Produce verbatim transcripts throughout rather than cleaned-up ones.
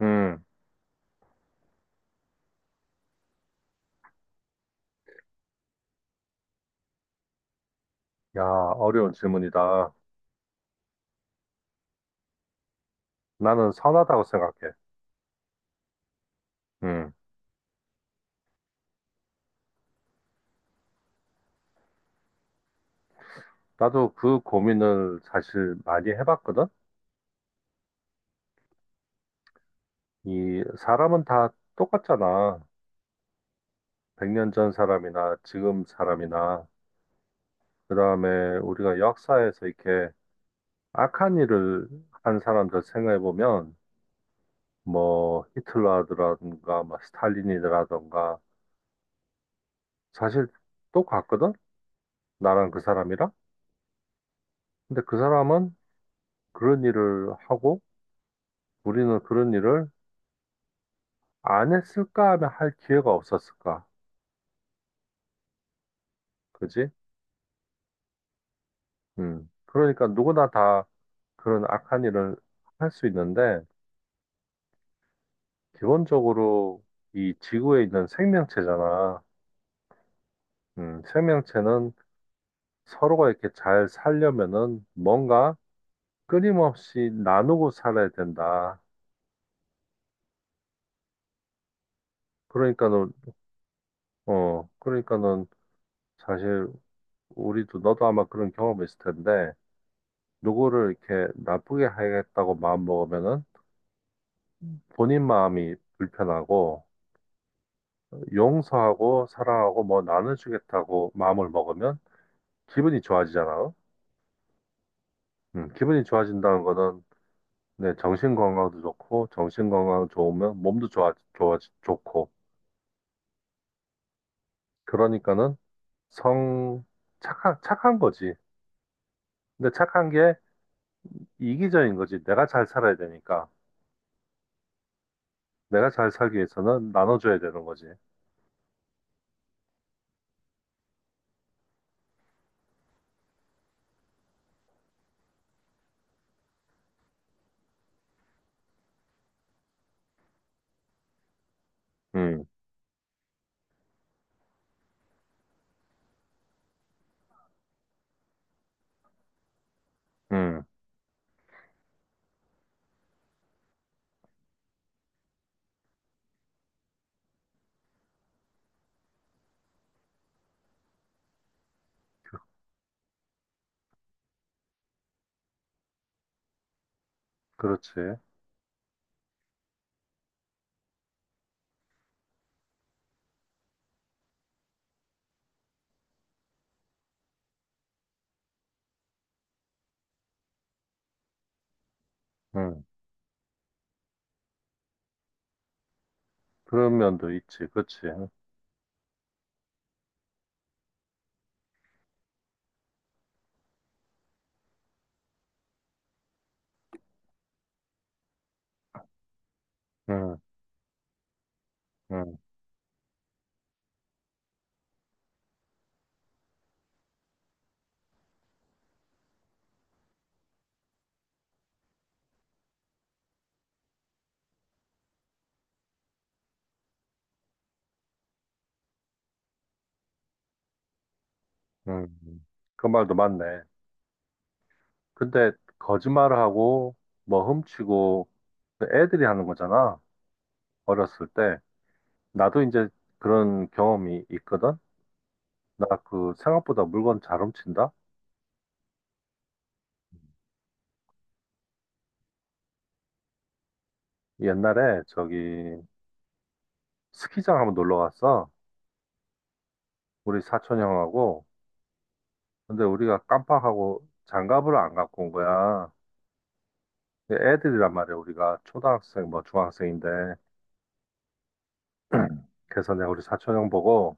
음, 야, 어려운 질문이다. 나는 선하다고 생각해. 음, 나도 그 고민을 사실 많이 해봤거든? 이 사람은 다 똑같잖아. 백 년 전 사람이나 지금 사람이나, 그 다음에 우리가 역사에서 이렇게 악한 일을 한 사람들 생각해보면, 뭐, 히틀러라든가, 뭐, 스탈린이라든가, 사실 똑같거든? 나랑 그 사람이랑? 근데 그 사람은 그런 일을 하고, 우리는 그런 일을 안 했을까 하면 할 기회가 없었을까. 그지? 음. 그러니까 누구나 다 그런 악한 일을 할 수 있는데, 기본적으로 이 지구에 있는 생명체잖아. 음, 생명체는 서로가 이렇게 잘 살려면은 뭔가 끊임없이 나누고 살아야 된다. 그러니까는, 어, 그러니까는 사실 우리도 너도 아마 그런 경험이 있을 텐데, 누구를 이렇게 나쁘게 하겠다고 마음 먹으면은 본인 마음이 불편하고, 용서하고 사랑하고 뭐 나눠주겠다고 마음을 먹으면 기분이 좋아지잖아요. 음, 기분이 좋아진다는 거는 내 정신 건강도 좋고 정신 건강 좋으면 몸도 좋아 좋아 좋고 그러니까는 성 착한 착한 거지. 근데 착한 게 이기적인 거지. 내가 잘 살아야 되니까 내가 잘 살기 위해서는 나눠줘야 되는 거지. 음, 음, 그렇지. 음, 그런 면도 있지. 그렇지. 음, 음, 음. 음. 그 말도 맞네. 근데 거짓말을 하고 뭐 훔치고 애들이 하는 거잖아. 어렸을 때. 나도 이제 그런 경험이 있거든. 나 그 생각보다 물건 잘 훔친다. 옛날에 저기 스키장 한번 놀러 갔어. 우리 사촌 형하고. 근데 우리가 깜빡하고 장갑을 안 갖고 온 거야. 근데 애들이란 말이야. 우리가 초등학생 뭐 중학생인데. 그래서 내가 우리 사촌 형 보고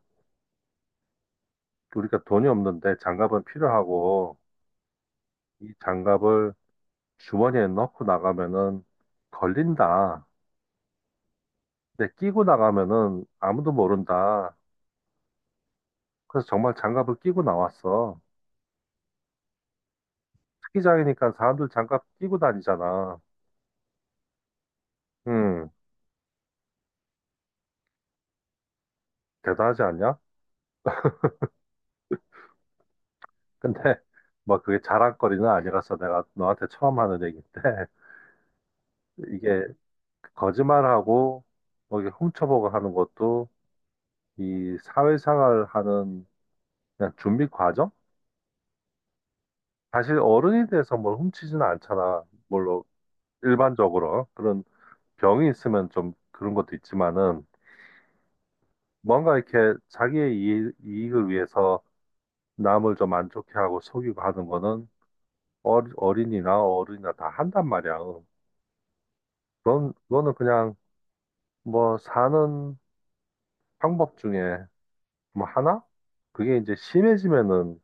우리가 돈이 없는데 장갑은 필요하고 이 장갑을 주머니에 넣고 나가면은 걸린다. 근데 끼고 나가면은 아무도 모른다. 그래서 정말 장갑을 끼고 나왔어. 스키장이니까 사람들 장갑 끼고 다니잖아. 음, 대단하지 않냐? 근데 뭐 그게 자랑거리는 아니라서 내가 너한테 처음 하는 얘기인데 이게 거짓말하고 뭐 이게 훔쳐보고 하는 것도 이 사회생활 하는 그냥 준비 과정? 사실 어른이 돼서 뭘 훔치지는 않잖아. 물론 일반적으로 그런 병이 있으면 좀 그런 것도 있지만은 뭔가 이렇게 자기의 이익- 이익을 위해서 남을 좀 안 좋게 하고 속이고 하는 거는 어리- 어린이나 어른이나 다 한단 말이야. 그건, 그거는 그냥 뭐 사는 방법 중에 뭐 하나? 그게 이제 심해지면은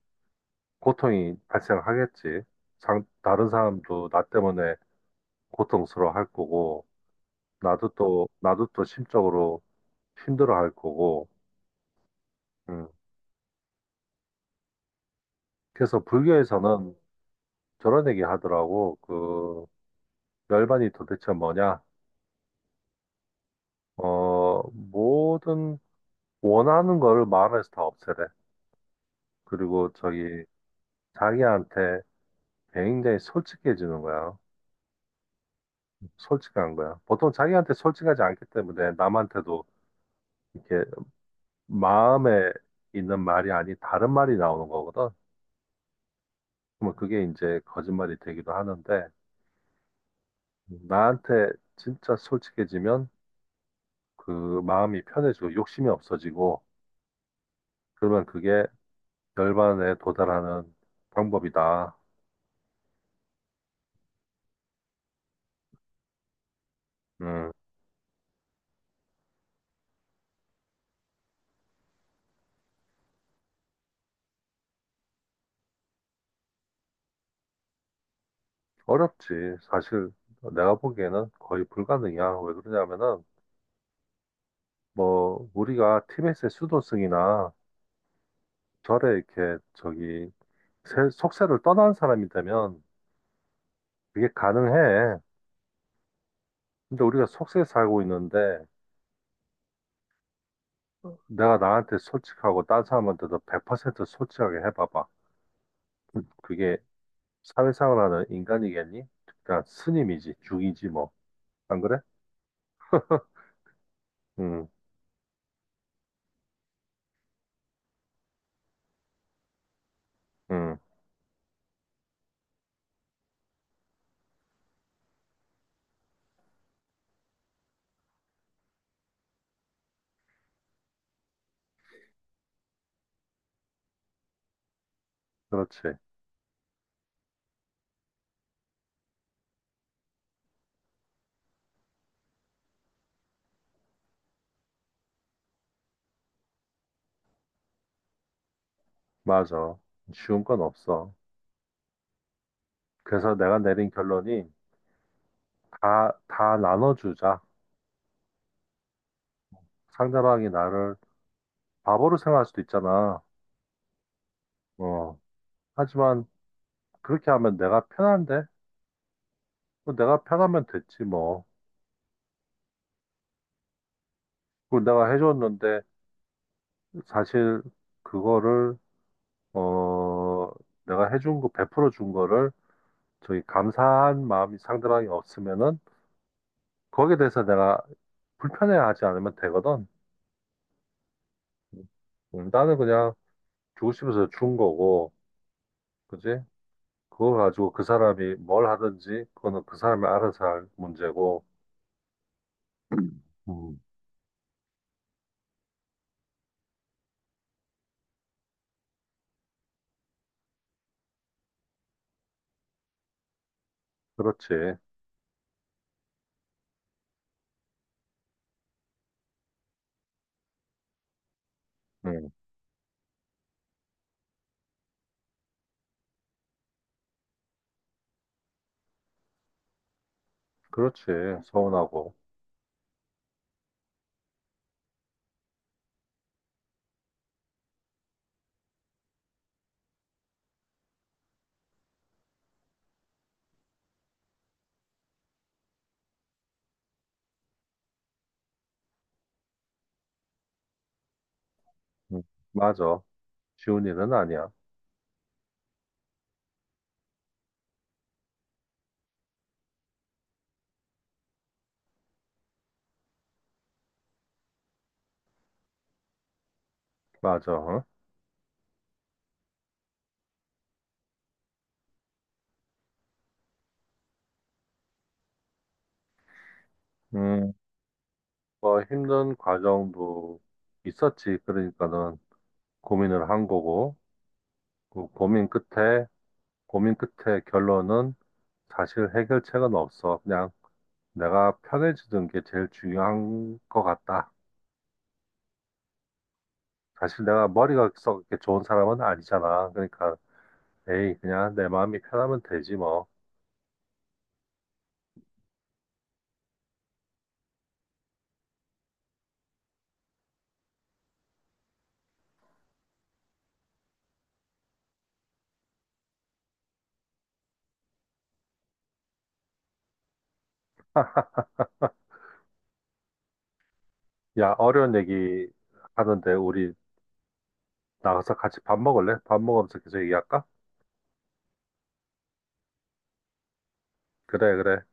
고통이 발생하겠지. 장, 다른 사람도 나 때문에 고통스러워 할 거고, 나도 또, 나도 또 심적으로 힘들어 할 거고, 음. 그래서 불교에서는 저런 얘기 하더라고. 그 열반이 도대체 뭐냐? 어, 모든 원하는 거를 마음에서 다 없애래. 그리고 저기 자기한테 굉장히 솔직해지는 거야. 솔직한 거야. 보통 자기한테 솔직하지 않기 때문에 남한테도 이렇게 마음에 있는 말이 아닌 다른 말이 나오는 거거든. 그러면 그게 이제 거짓말이 되기도 하는데 나한테 진짜 솔직해지면 그 마음이 편해지고 욕심이 없어지고 그러면 그게 열반에 도달하는 방법이다. 음, 어렵지. 사실 내가 보기에는 거의 불가능이야. 왜 그러냐면은 뭐 우리가 티베트의 수도승이나 절에 이렇게 저기 세- 속세를 떠난 사람이 되면 그게 가능해. 근데 우리가 속세에 살고 있는데 내가 나한테 솔직하고 딴 사람한테도 백 퍼센트 솔직하게 해봐봐. 그게 사회생활 하는 인간이겠니? 그냥 스님이지, 중이지 뭐. 안 그래? 응, 응, 그렇지. 맞아. 쉬운 건 없어. 그래서 내가 내린 결론이 다, 다 나눠주자. 상대방이 나를 바보로 생각할 수도 있잖아. 어. 하지만 그렇게 하면 내가 편한데? 뭐 내가 편하면 됐지 뭐. 그리고 내가 해줬는데 사실 그거를 어 내가 해준 거 베풀어 준 거를 저기 감사한 마음이 상대방이 없으면은 거기에 대해서 내가 불편해하지 않으면 되거든. 음, 나는 그냥 주고 싶어서 준 거고. 그지? 그거 가지고 그 사람이 뭘 하든지 그거는 그 사람이 알아서 할 문제고, 음, 그렇지, 음, 그렇지, 서운하고, 음, 맞아, 쉬운 일은 아니야, 맞아, 어? 음, 뭐 힘든 과정도 있었지, 그러니까는 고민을 한 거고, 그 고민 끝에 고민 끝에 결론은 사실 해결책은 없어, 그냥 내가 편해지는 게 제일 중요한 것 같다. 사실 내가 머리가 썩 이렇게 좋은 사람은 아니잖아. 그러니까, 에이, 그냥 내 마음이 편하면 되지 뭐. 야, 어려운 얘기 하는데 우리 나가서 같이 밥 먹을래? 밥 먹으면서 계속 얘기할까? 그래, 그래.